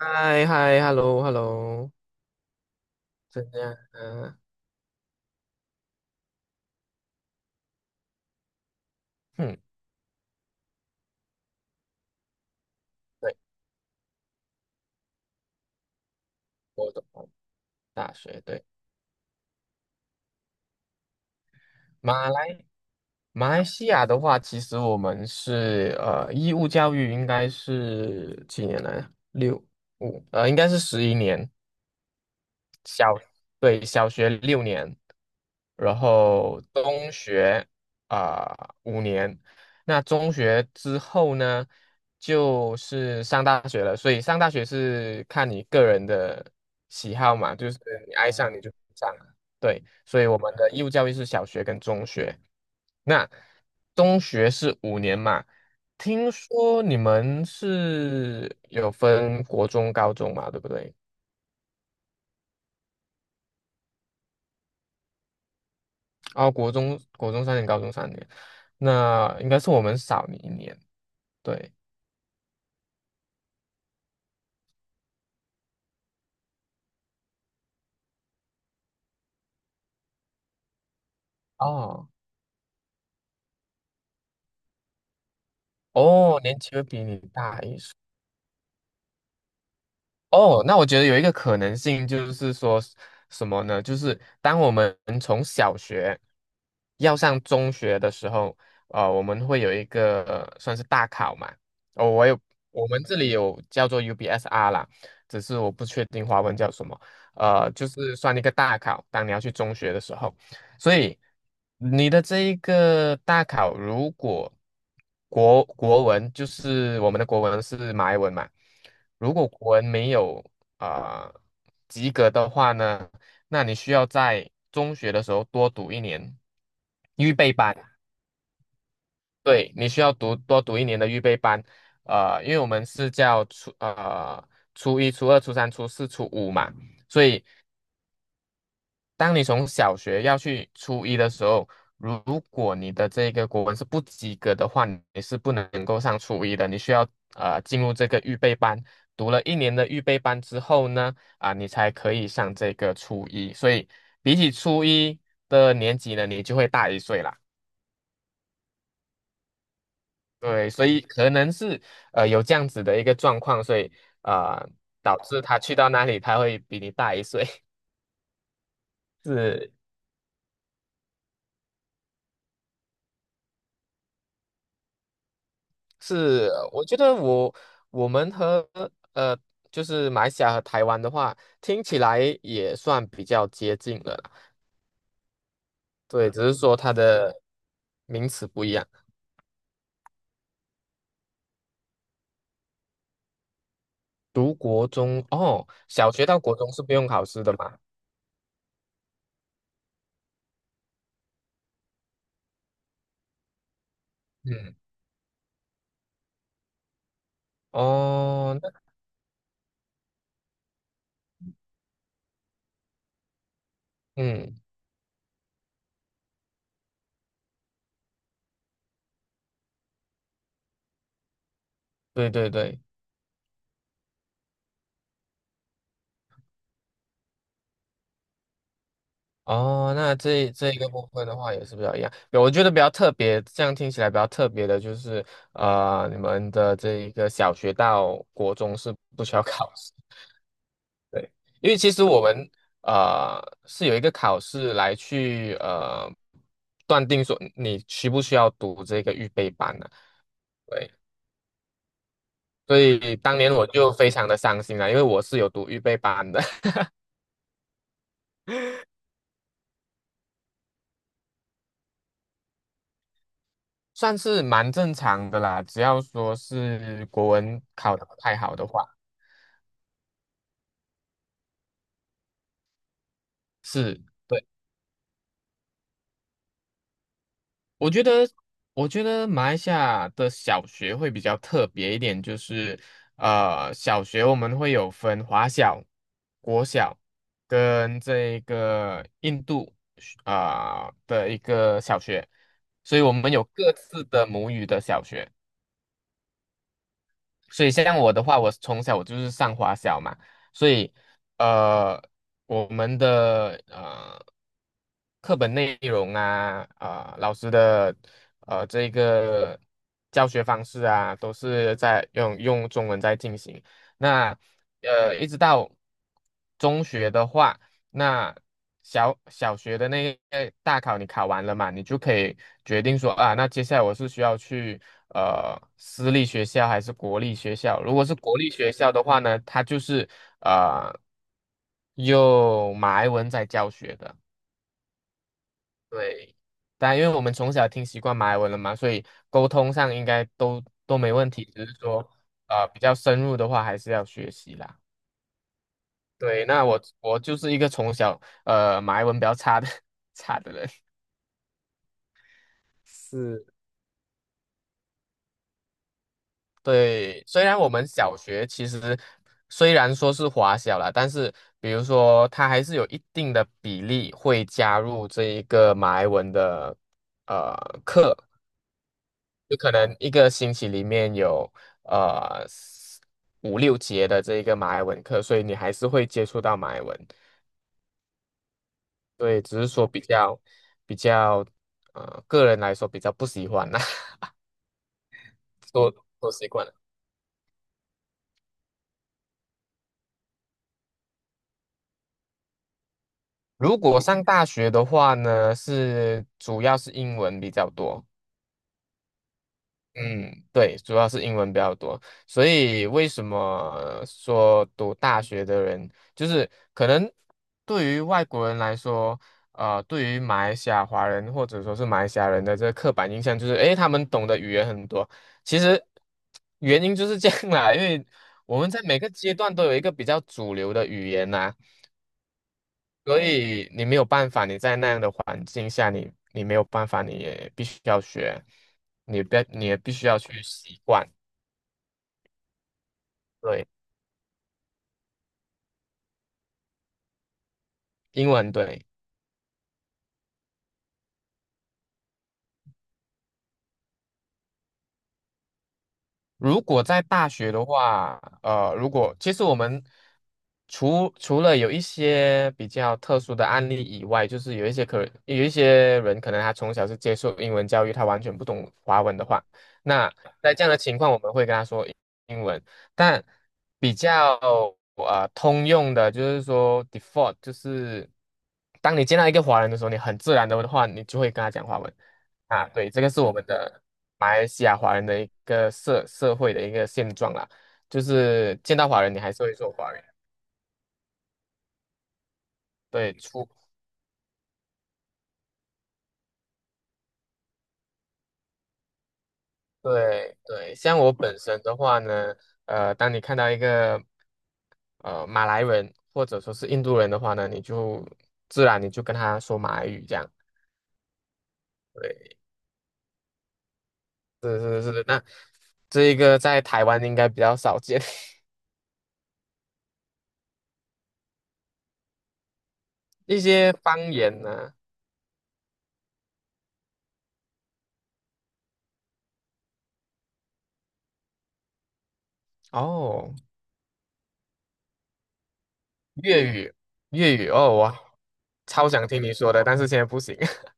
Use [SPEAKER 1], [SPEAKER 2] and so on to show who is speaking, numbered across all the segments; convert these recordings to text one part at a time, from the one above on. [SPEAKER 1] 嗨嗨，hello hello，怎样啊？嗯，对，我懂，大学对，马来马来西亚的话，其实我们是义务教育应该是几年来啊？五，应该是十一年，小，对，小学六年，然后中学啊，五年，那中学之后呢，就是上大学了。所以上大学是看你个人的喜好嘛，就是你爱上你就上了。对，所以我们的义务教育是小学跟中学。那中学是五年嘛？听说你们是有分国中、高中嘛，对不对？哦，国中三年，高中三年，那应该是我们少你一年。对，哦哦，年纪会比你大一岁。哦，那我觉得有一个可能性就是说什么呢？就是当我们从小学要上中学的时候，我们会有一个算是大考嘛。哦，我有，我们这里有叫做 UBSR 啦，只是我不确定华文叫什么。就是算一个大考，当你要去中学的时候。所以你的这一个大考，如果国文就是我们的国文是马来文嘛，如果国文没有啊、呃及格的话呢，那你需要在中学的时候多读一年预备班，对，你需要多读一年的预备班，因为我们是叫初一、初二、初三、初四、初五嘛，所以当你从小学要去初一的时候，如果你的这个国文是不及格的话，你是不能够上初一的，你需要进入这个预备班，读了一年的预备班之后呢，你才可以上这个初一。所以比起初一的年级呢，你就会大一岁啦。对，所以可能是有这样子的一个状况，所以啊、呃导致他去到那里他会比你大一岁，是是，我觉得我们和呃，就是马来西亚和台湾的话，听起来也算比较接近了啦。对，只是说它的名词不一样。读国中哦，小学到国中是不用考试的嘛？嗯，哦，那嗯，对对对，哦，那这一个部分的话也是比较一样。我觉得比较特别，这样听起来比较特别的就是，你们的这一个小学到国中是不需要考试。对，因为其实我们呃是有一个考试来去断定说你需不需要读这个预备班的、对，所以当年我就非常的伤心了，因为我是有读预备班的，算是蛮正常的啦，只要说是国文考的不太好的话，是。对。我觉得，我觉得，马来西亚的小学会比较特别一点，就是小学我们会有分华小、国小跟这个印度的一个小学，所以我们有各自的母语的小学。所以像我的话，我从小我就是上华小嘛，所以呃，我们的课本内容啊，老师的这个教学方式啊，都是在用中文在进行。那一直到中学的话。那小学的那个大考你考完了嘛，你就可以决定说啊，那接下来我是需要去私立学校还是国立学校？如果是国立学校的话呢，它就是呃用马来文在教学的，对。但因为我们从小听习惯马来文了嘛，所以沟通上应该都没问题，只是说比较深入的话还是要学习啦。对，那我就是一个从小马来文比较差的 差的人。是，对，虽然我们小学其实虽然说是华小啦，但是比如说它还是有一定的比例会加入这一个马来文的呃课，就可能一个星期里面有四五六节的这一个马来文课，所以你还是会接触到马来文。对，只是说比较，个人来说比较不喜欢啦，都习惯了。如果上大学的话呢，主要是英文比较多，嗯，对，主要是英文比较多，所以为什么说读大学的人，就是可能对于外国人来说，对于马来西亚华人或者说是马来西亚人的这个刻板印象就是，诶，他们懂的语言很多。其实原因就是这样啦，因为我们在每个阶段都有一个比较主流的语言呐、所以你没有办法，你在那样的环境下，你没有办法，你也必须要学，你也必须要去习惯。对，英文对。如果在大学的话，如果其实我们除了有一些比较特殊的案例以外，就是有一些人可能他从小是接受英文教育，他完全不懂华文的话，那在这样的情况，我们会跟他说英文。但比较通用的，就是说 default，就是当你见到一个华人的时候，你很自然的话，你就会跟他讲华文。啊，对，这个是我们的马来西亚华人的一个社会的一个现状啦，就是见到华人你还是会说华人，对，对对，像我本身的话呢，当你看到一个马来人或者说是印度人的话呢，你就自然跟他说马来语这样，对，是是是，那这一个在台湾应该比较少见，一些方言呢，哦。粤语，粤语哦，哇，超想听你说的，但是现在不行。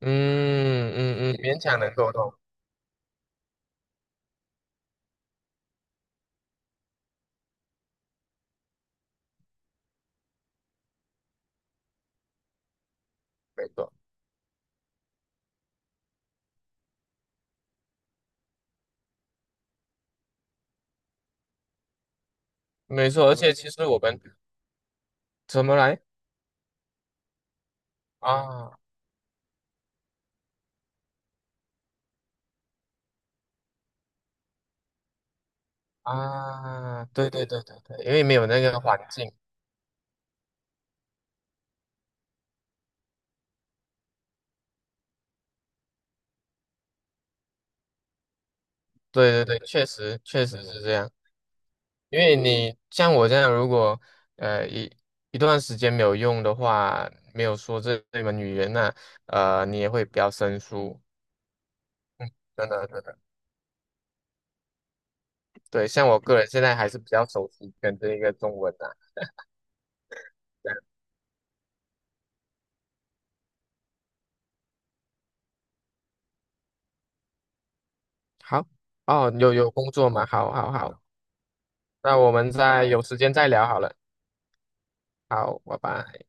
[SPEAKER 1] 嗯嗯嗯，勉强能沟通，没错没错，而且其实我们怎么来啊啊，对对对对对，因为没有那个环境，对对对，确实确实是这样，因为你像我这样，如果呃一一段时间没有用的话，没有说这门语言呢，你也会比较生疏，嗯，真的真的。对，像我个人现在还是比较熟悉跟这一个中文啊。这样好，哦，有工作嘛？好，好，好，那我们再有时间再聊好了。好，拜拜。